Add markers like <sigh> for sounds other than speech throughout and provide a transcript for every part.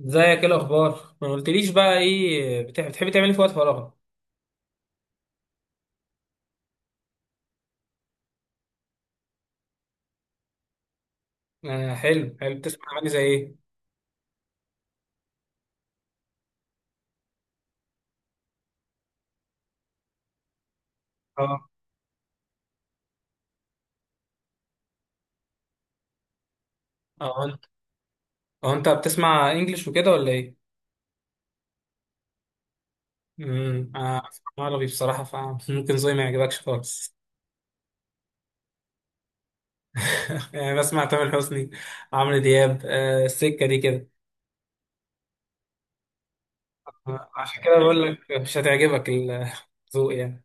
ازيك، ايه الاخبار؟ ما قلتليش بقى ايه بتحبي تعملي في وقت فراغك؟ آه حلو حلو. بتسمع اغاني زي ايه؟ اه اه انت اه انت بتسمع انجلش وكده ولا ايه؟ انا بسمع عربي بصراحه، فممكن زي <laughs> ما يعجبكش خالص. <laughs> يعني بسمع تامر حسني، عمرو دياب. آه، السكه دي كده. عشان كده بقول لك مش هتعجبك الذوق <laughs> يعني.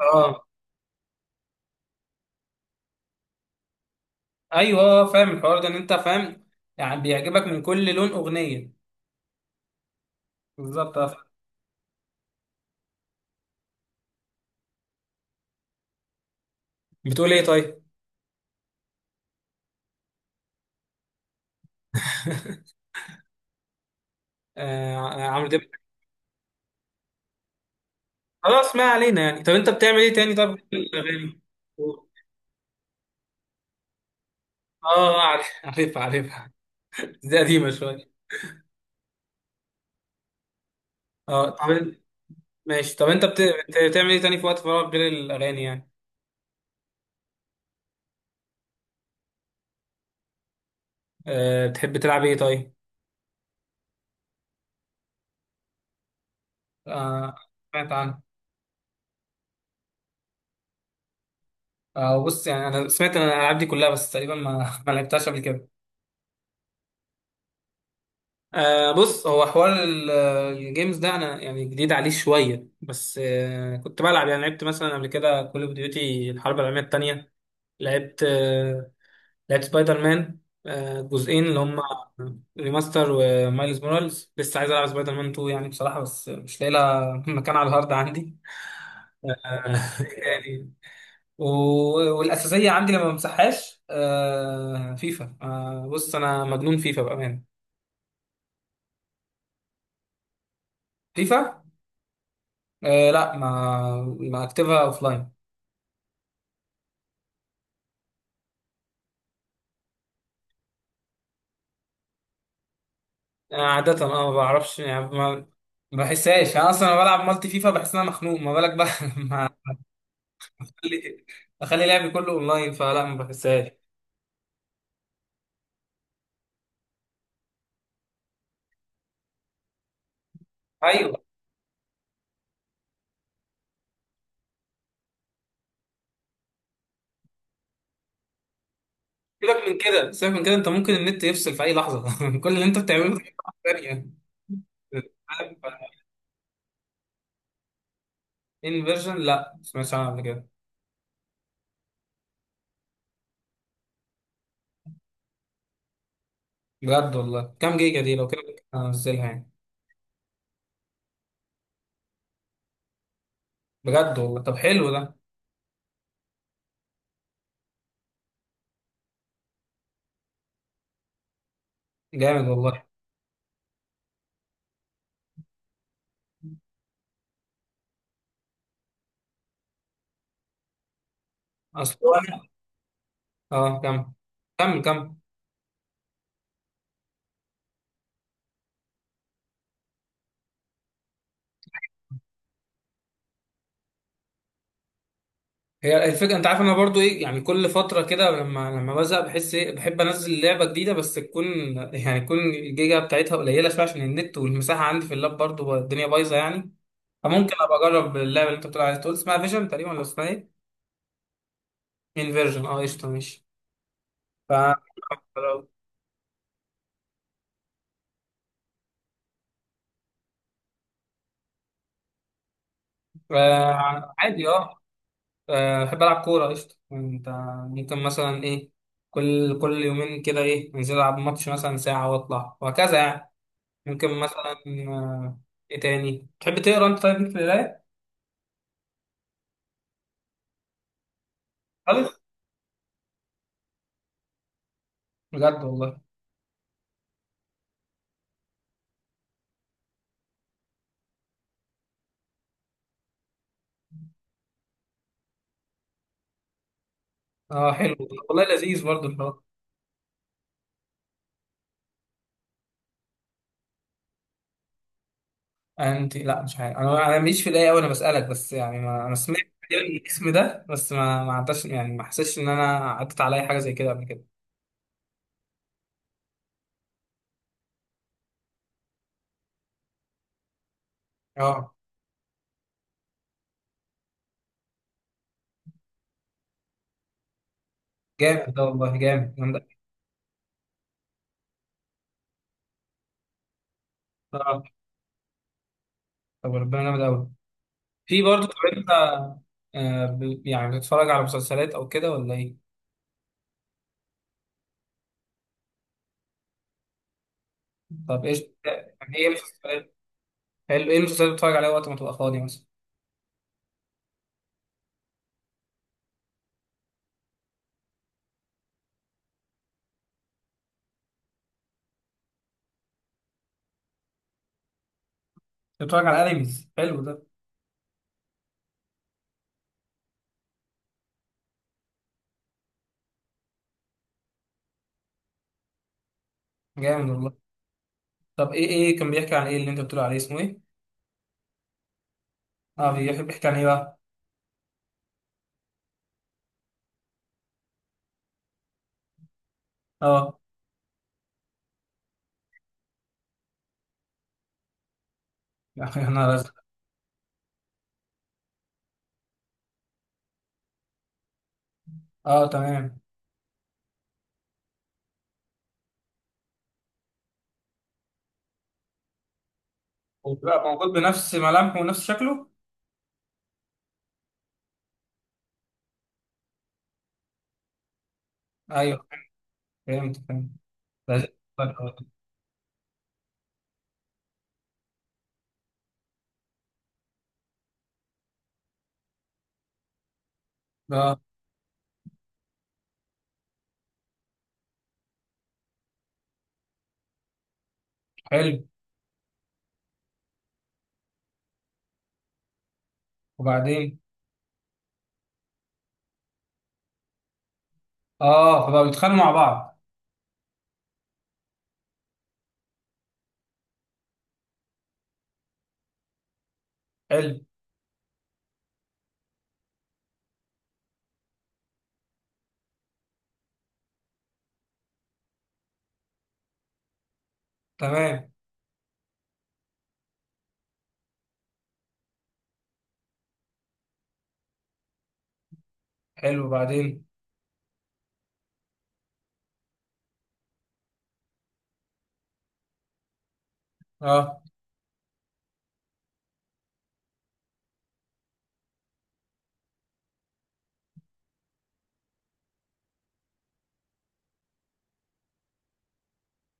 اه ايوه، فاهم الحوار ده، ان انت فاهم يعني، بيعجبك من كل لون اغنيه. بالظبط. بتقول ايه طيب؟ آه، عمرو دياب. خلاص ما علينا يعني. طب انت بتعمل ايه تاني، طب في الاغاني؟ اه. آه، عارف عارفها. دي قديمه شويه. اه. ماشي. طب انت بتعمل ايه تاني في وقت فراغك غير الاغاني يعني؟ بتحب تلعب ايه طيب؟ آه. سمعت عنه. بص، يعني انا سمعت عن الالعاب دي كلها، بس تقريبا ما <laughs> ما لعبتهاش قبل كده. بص، هو حوار الجيمز ده انا يعني جديد عليه شويه، بس كنت بلعب. يعني لعبت مثلا قبل كده كول اوف ديوتي الحرب العالميه الثانيه. لعبت آه، لعبت سبايدر مان. جزئين، اللي هم ريماستر ومايلز مورالز. لسه عايز العب سبايدر مان 2 يعني بصراحه، بس مش لاقي لها <laughs> مكان على الهارد عندي. آه، <laughs> يعني. والاساسيه عندي لما بمسحهاش فيفا. بص انا مجنون فيفا بامانه. فيفا. لا، ما اكتبها اوف لاين. عاده ما بعرفش يعني، ما ما بحسهاش. انا اصلا لما بلعب مالتي فيفا بحس ان انا مخنوق، ما بالك بقى <laughs> لما اخلي أخلي لعبي كله اونلاين، فلا ما بحسهاش. ايوه. سيبك من كده، سيبك من كده، انت ممكن النت يفصل في اي لحظه <laughs> كل اللي انت بتعمله في أي لحظه ثانيه. انفيرجن <laughs> لا، ما سمعتش عنها قبل كده. بجد والله؟ كام جيجا دي لو كده هنزلها يعني؟ بجد والله؟ طب حلو ده. جامد والله. اصل أنا- اه كمل كمل. هي الفكره، انت عارف انا برضو ايه يعني، كل فتره كده لما بزهق بحس ايه، بحب انزل لعبه جديده بس تكون <laughs> يعني تكون الجيجا بتاعتها قليله شويه، عشان النت والمساحه عندي في اللاب برضو الدنيا بايظه يعني. فممكن ابقى اجرب اللعبه اللي انت بتقول عليها، تقول اسمها فيجن تقريبا ولا اسمها ايه؟ انفيرجن، اه قشطه ماشي. ف <laughs> عادي اه. بحب العب كوره، قشطه. انت ممكن مثلا ايه، كل يومين كده ايه انزل العب ماتش مثلا ساعه واطلع وهكذا يعني. ممكن مثلا. آه، ايه تاني تحب؟ تقرا انت طيب في القرايه؟ خالص؟ بجد والله؟ اه حلو. والله لذيذ برضه الحوار. انت؟ لا مش عارف، انا ماليش في القرايه قوي. انا بسالك بس يعني، ما انا سمعت يعني الاسم ده بس، ما عداش يعني، ما حسيتش ان انا عدت عليا حاجه زي كده قبل كده. اه. جامد ده والله، جامد جامد أوي. آه، طب ربنا جامد قوي. في برضه، طب انت يعني بتتفرج على مسلسلات او كده ولا ايه؟ طب ايش يعني، ايه مسلسلات؟ حلو، ايه المسلسلات اللي بتتفرج عليها وقت ما تبقى فاضي مثلا؟ بتتفرج على انميز، حلو ده. جامد والله. طب ايه، ايه كان بيحكي عن ايه اللي انت بتقول عليه، اسمه ايه؟ اه بيحب يحكي عن ايه بقى؟ اه. يا اخي انا رزق. اه تمام. وبقى موجود بنفس ملامحه ونفس شكله؟ ايوه فهمت فهمت. لذيذ. اه حلو، وبعدين؟ اه، فبقوا يتخانقوا مع بعض؟ حلو تمام. حلو، وبعدين؟ اه.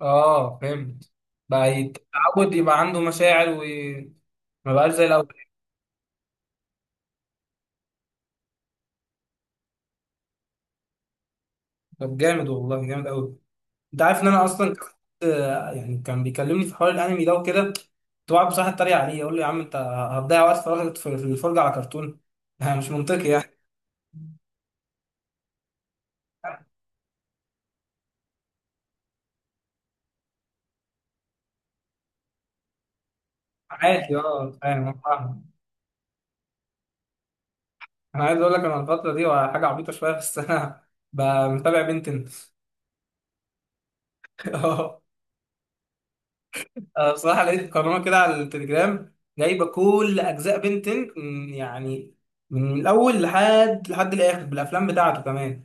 اه فهمت، بقى يتعود يبقى عنده مشاعر وما بقاش زي الاول؟ طب جامد والله، جامد قوي. انت عارف ان انا اصلا كنت يعني، كان بيكلمني في حوار الانمي ده وكده، كنت بقعد بصراحه اتريق عليه يقول لي يا عم انت هتضيع وقت فراغك في الفرجه على كرتون <laughs> مش منطقي يعني. عادي فاهم. أنا فاهم. أنا عايز اقول لك، انا الفتره دي حاجه عبيطه شويه، بس انا متابع بنتن <laughs> اه. أنا بصراحه لقيت قناه كده على التليجرام جايبه كل اجزاء بنتن، يعني من الاول لحد الاخر بالافلام بتاعته كمان.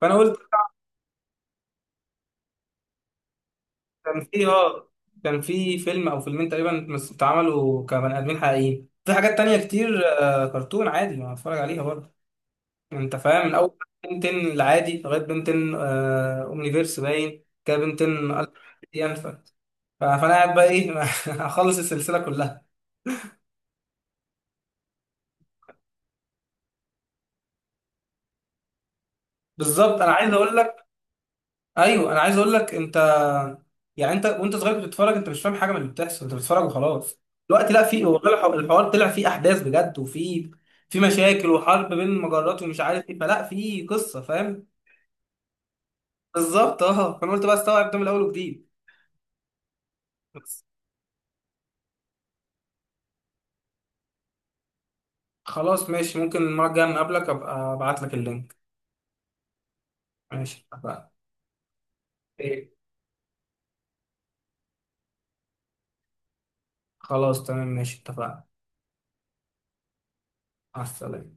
فانا قلت، كان في اه كان في فيلم او فيلمين تقريبا اتعملوا كبني ادمين حقيقيين. في حاجات تانية كتير كرتون عادي ما اتفرج عليها برضه. انت فاهم، من اول بنتين العادي لغايه بنتين اومنيفيرس، باين كده بنتين ألف ينفع. فانا قاعد بقى ايه <laughs> اخلص السلسله كلها. بالظبط انا عايز اقول لك. انت يعني، انت وانت صغير كنت بتتفرج، انت مش فاهم حاجه من اللي بتحصل، انت بتتفرج وخلاص. دلوقتي لا، في والله الحوار طلع فيه احداث بجد، وفي مشاكل وحرب بين المجرات ومش عارف ايه، فلا في قصه، فاهم. بالظبط. اه فانا قلت بقى استوعب ده من الاول وجديد. بس خلاص ماشي، ممكن المره الجايه لما اقابلك ابقى ابعت لك اللينك. ماشي اتفقنا. ايه؟ خلاص تمام ماشي اتفقنا. مع السلامه.